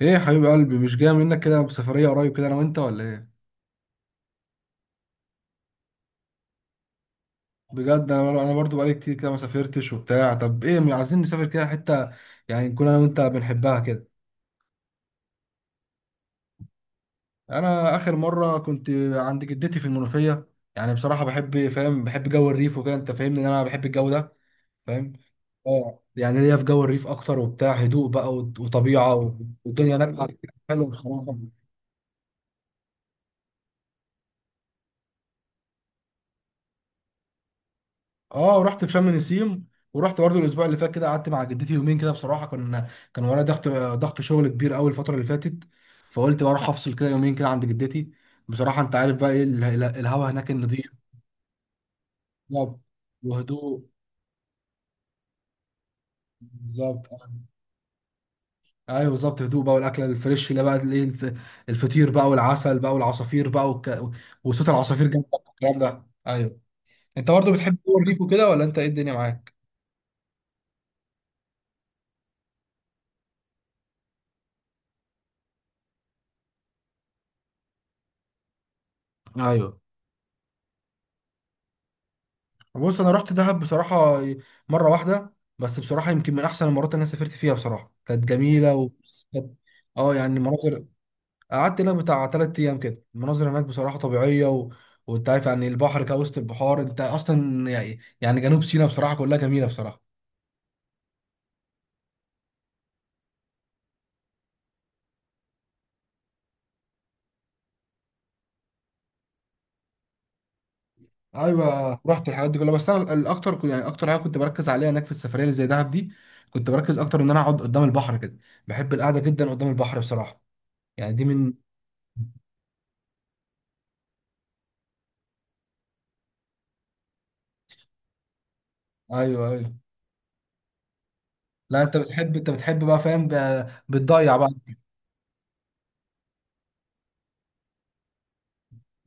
ايه يا حبيب قلبي، مش جاي منك كده بسفرية قريب كده انا وانت ولا ايه؟ بجد انا برضو بقالي كتير كده ما سافرتش وبتاع. طب ايه، عايزين نسافر كده حتة، يعني نكون انا وانت بنحبها كده. انا اخر مرة كنت عند جدتي في المنوفية. يعني بصراحة بحب، فاهم، بحب جو الريف وكده. انت فاهمني ان انا بحب الجو ده، فاهم؟ اه، يعني ليا في جو الريف اكتر وبتاع، هدوء بقى وطبيعة، والدنيا هناك حلوة بصراحة. اه رحت في شم نسيم، ورحت برضه الاسبوع اللي فات كده، قعدت مع جدتي يومين كده. بصراحه كان، ورايا ضغط، ضغط شغل كبير قوي الفتره اللي فاتت، فقلت بروح افصل كده يومين كده عند جدتي. بصراحه انت عارف بقى ايه الهوا هناك النضيف. بالظبط، وهدوء، بالظبط. ايوه بالظبط، هدوء بقى والاكل الفريش، اللي بقى الايه، الفطير بقى والعسل بقى والعصافير بقى وصوت العصافير جنبك والكلام ده. ايوه، انت برضه بتحب جو الريف وكده ولا انت ايه، الدنيا معاك؟ ايوه، بص، انا رحت دهب بصراحه مره واحده، بس بصراحه يمكن من احسن المرات اللي انا سافرت فيها. بصراحه كانت جميله و كانت- اه، يعني المناظر. قعدت لها بتاع 3 ايام كده، المناظر هناك بصراحه طبيعيه و... وانت عارف، يعني البحر كده وسط البحار، انت اصلا يعني، يعني جنوب سيناء بصراحه كلها جميله بصراحه. ايوه رحت الحاجات دي كلها، بس انا الاكتر، يعني اكتر حاجه كنت بركز عليها هناك في السفريه اللي زي دهب دي، كنت بركز اكتر ان انا اقعد قدام البحر كده. بحب القعده جدا قدام البحر بصراحه، يعني دي من. ايوه ايوه، لا انت بتحب، انت بتحب بقى، فاهم، بتضيع بقى.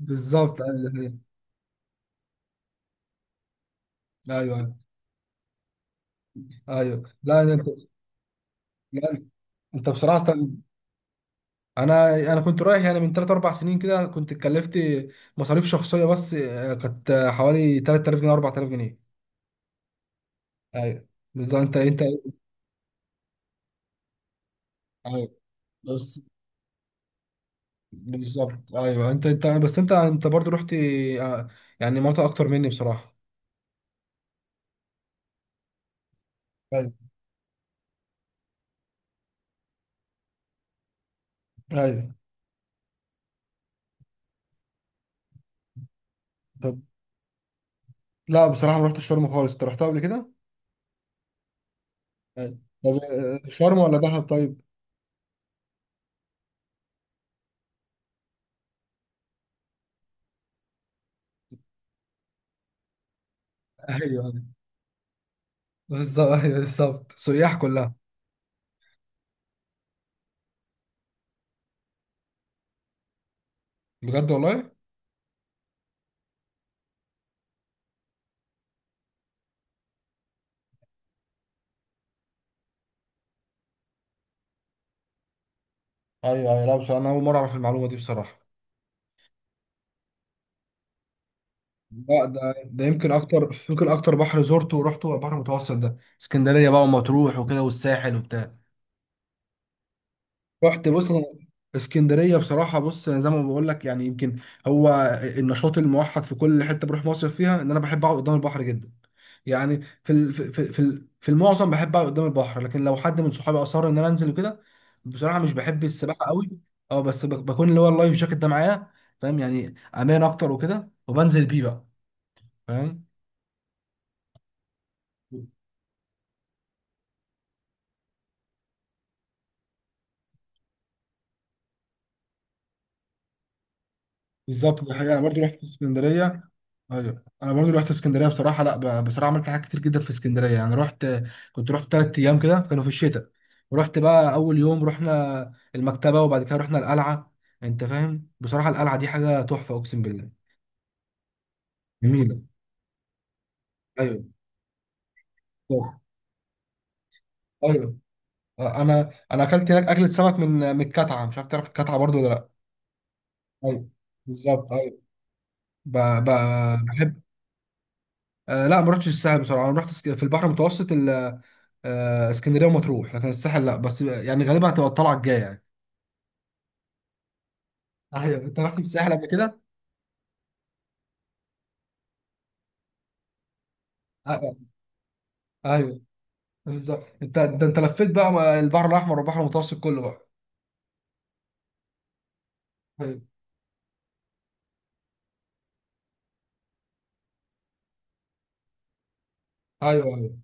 بالظبط، ايوه ده حقيقي. ايوه ايوه، لا انت، لا انت بصراحه انا كنت رايح يعني من 3 4 سنين كده، كنت اتكلفت مصاريف شخصيه بس. كانت حوالي 3000 جنيه 4000 جنيه. ايوه بالظبط، انت انت. ايوه بس. بالظبط، ايوه انت انت بس، انت انت برضو رحت، يعني مناطق اكتر مني بصراحه. ايوه ايوه. طب، لا بصراحه ما رحتش شرم خالص، انت رحتها قبل كده؟ ايوه، طب شرم ولا دهب طيب؟ ايوه ايوه، بالظبط، ايوه بالظبط، سياح كلها. بجد والله؟ ايوه ايوه، لا بصراحه انا اول مره اعرف المعلومه دي بصراحه. لا، ده يمكن اكتر، يمكن اكتر بحر زرته ورحته هو البحر المتوسط ده، اسكندريه بقى ومطروح وكده والساحل وبتاع. رحت، بص أنا، اسكندريه بصراحه، بص أنا زي ما بقول لك يعني، يمكن هو النشاط الموحد في كل حته بروح مصيف فيها، ان انا بحب اقعد قدام البحر جدا. يعني في في في المعظم بحب اقعد قدام البحر، لكن لو حد من صحابي اصر ان انا انزل وكده، بصراحه مش بحب السباحه قوي. اه بس بكون اللي هو اللايف جاكيت ده معايا، فاهم، يعني امان اكتر وكده، وبنزل بيه بقى، فاهم. بالظبط، دي حقيقة. أنا برضو رحت اسكندرية. أيوة، أنا برضو رحت اسكندرية بصراحة. لا بصراحة عملت حاجات كتير جدا في اسكندرية. يعني رحت، كنت رحت 3 أيام كده، كانوا في الشتاء، ورحت بقى أول يوم رحنا المكتبة، وبعد كده رحنا القلعة. أنت فاهم، بصراحة القلعة دي حاجة تحفة أقسم بالله. جميلة، أيوة، طب. أيوة، أنا أكلت هناك أكلة سمك من، من الكتعة، مش عارف تعرف الكتعة برضو ولا لأ. أيوة بالظبط، أيوة ب... ب... بحب آه لا ما رحتش الساحل بصراحة. أنا رحت في البحر المتوسط، اسكندريه ومطروح، لكن الساحل لا، بس يعني غالبا هتبقى الطلعه الجايه يعني. ايوه، انت رحت الساحل قبل كده؟ آه، آه، ايوه، بالظبط انت، ده انت لفيت بقى البحر الاحمر والبحر المتوسط كله بقى. ايوه ايوه. ايوه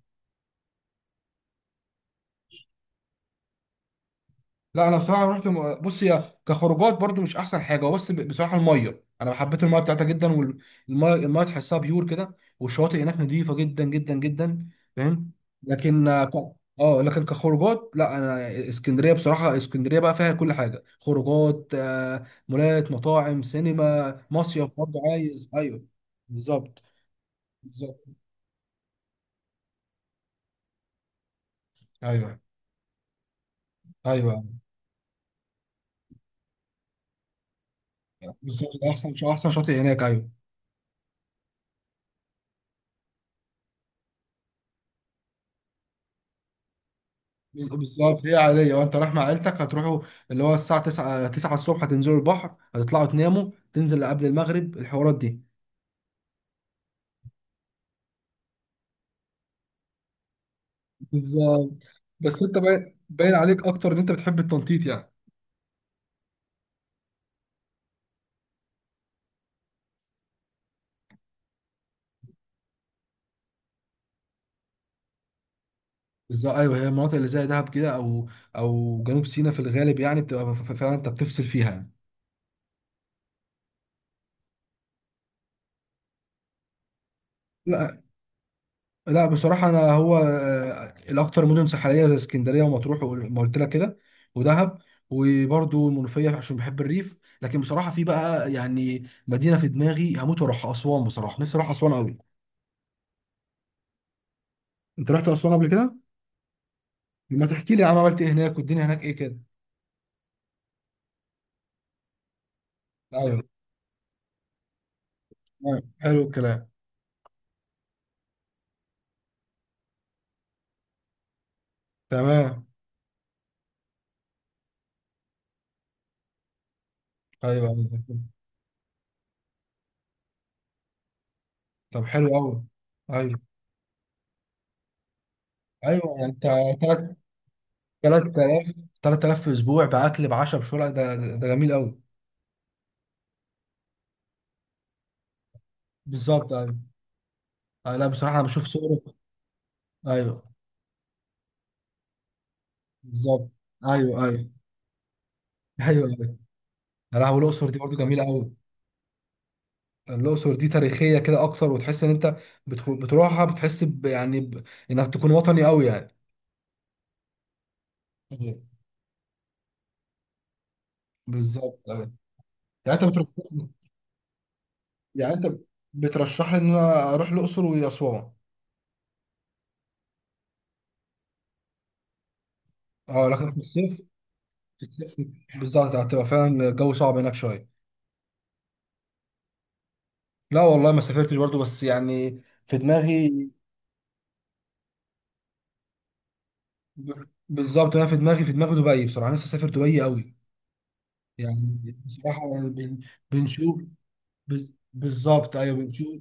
لا، انا بصراحه رحت بص، هي كخروجات برضو مش احسن حاجه، هو بس بصراحه الميه، انا حبيت الميه بتاعتها جدا، والميه، الميه تحسها بيور كده، والشواطئ هناك نظيفه جدا جدا جدا، فاهم. لكن اه لكن كخروجات لا، انا اسكندريه بصراحه، اسكندريه بقى فيها كل حاجه، خروجات مولات، مطاعم، سينما، مصيف برضو عايز، ايوه بالظبط. بالظبط ايوه ايوه. بالظبط، احسن احسن شاطئ هناك، ايوه. بالظبط، هي عادية، وانت رايح مع عيلتك هتروحوا، اللي هو الساعة 9 الصبح تنزلوا البحر، هتطلعوا تناموا، تنزل قبل المغرب الحوارات دي. بالظبط، بس انت باين، باين عليك اكتر ان انت بتحب التنطيط يعني. بالظبط ايوه، هي المناطق اللي زي دهب كده او او جنوب سيناء في الغالب، يعني بتبقى فعلا انت بتفصل فيها يعني. لا. لا بصراحة، أنا هو الأكتر مدن ساحلية، زي اسكندرية ومطروح وما قلت لك كده، ودهب، وبرضه المنوفية عشان بحب الريف. لكن بصراحة في بقى يعني مدينة في دماغي هموت وأروحها، أسوان. بصراحة نفسي أروح أسوان أوي. أنت رحت أسوان قبل كده؟ ما تحكي لي يا عم، عملت إيه هناك والدنيا هناك إيه كده؟ أيوه، تمام حلو الكلام. تمام. أيوه أيوه. طب حلو أوي. أيوه أيوه، يعني أنت، تلات تلات آلاف 3 آلاف في أسبوع، بأكل بعشا بشرع، ده جميل أوي. بالظبط، أيوة. آه لا بصراحه انا بشوف صوره. ايوه بالظبط. ايوه ايوه. ايوه ايوه. يا لهوي، الاقصر دي برضو جميله قوي. الاقصر دي تاريخيه كده اكتر، وتحس ان انت بتروحها بتحس ب... يعني ب... انك تكون وطني قوي يعني. أيوة. بالظبط ايوه. يعني انت بترشح، يعني انت بترشح لي ان انا اروح الاقصر واسوان. اه لكن في الصيف، في الصيف، بالظبط هتبقى فعلا الجو صعب هناك شويه. لا والله ما سافرتش برضو، بس يعني في دماغي. بالظبط، انا في دماغي، في دماغي دبي بصراحه. نفسي اسافر دبي قوي. يعني بصراحة يعني بنشوف، بز- بالظبط ايوه بنشوف.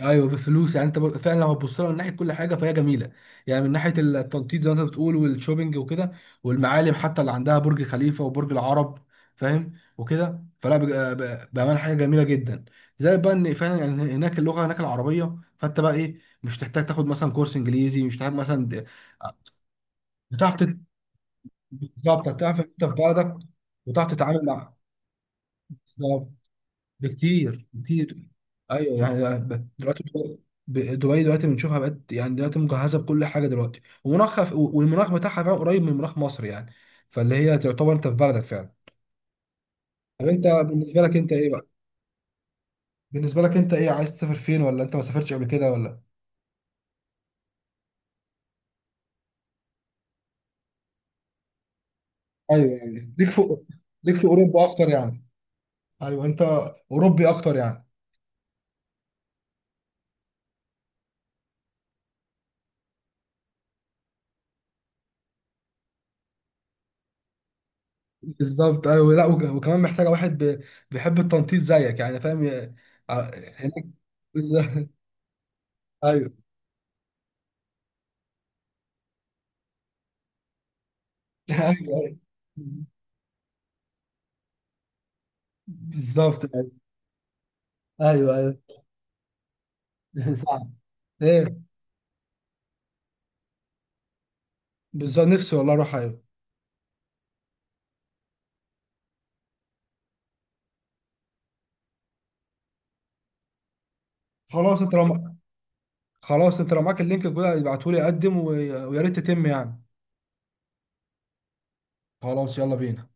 ايوه، بفلوس، يعني انت فعلا لو هتبص لها من ناحيه كل حاجه فهي جميله. يعني من ناحيه التنطيط زي ما انت بتقول، والشوبينج وكده، والمعالم حتى، اللي عندها برج خليفه وبرج العرب، فاهم، وكده، فلا بامانه حاجه جميله جدا. زي بقى ان فعلا يعني هناك، اللغه هناك العربيه، فانت بقى ايه، مش تحتاج تاخد مثلا كورس انجليزي، مش تحتاج مثلا بتعرف بالظبط، هتعرف انت في بلدك، وتعرف تتعامل مع، بالظبط. بكتير كتير، ايوه يعني دلوقتي دبي دلوقتي بنشوفها بقت، يعني دلوقتي مجهزه بكل حاجه دلوقتي، ومناخها والمناخ بتاعها فعلا قريب من مناخ مصر يعني، فاللي هي تعتبر انت في بلدك فعلا. طب انت بالنسبه لك انت ايه بقى؟ بالنسبه لك انت ايه، عايز تسافر فين، ولا انت ما سافرتش قبل كده ولا؟ ايوه، يعني ليك في، ليك في اوروبا اكتر يعني. ايوه انت اوروبي اكتر يعني. بالظبط ايوه، لا وكمان محتاجه واحد بيحب التنطيط زيك يعني، فاهم، هناك. بالظبط. ايوه. ايوه ايوه. بالظبط ايوه. ايوه ايوه. صح. ايه، بالظبط، نفسي والله اروح، ايوه. خلاص، انت لو خلاص انت لو معاك اللينك كده ابعته لي اقدم، ويا ريت تتم يعني. خلاص يلا بينا.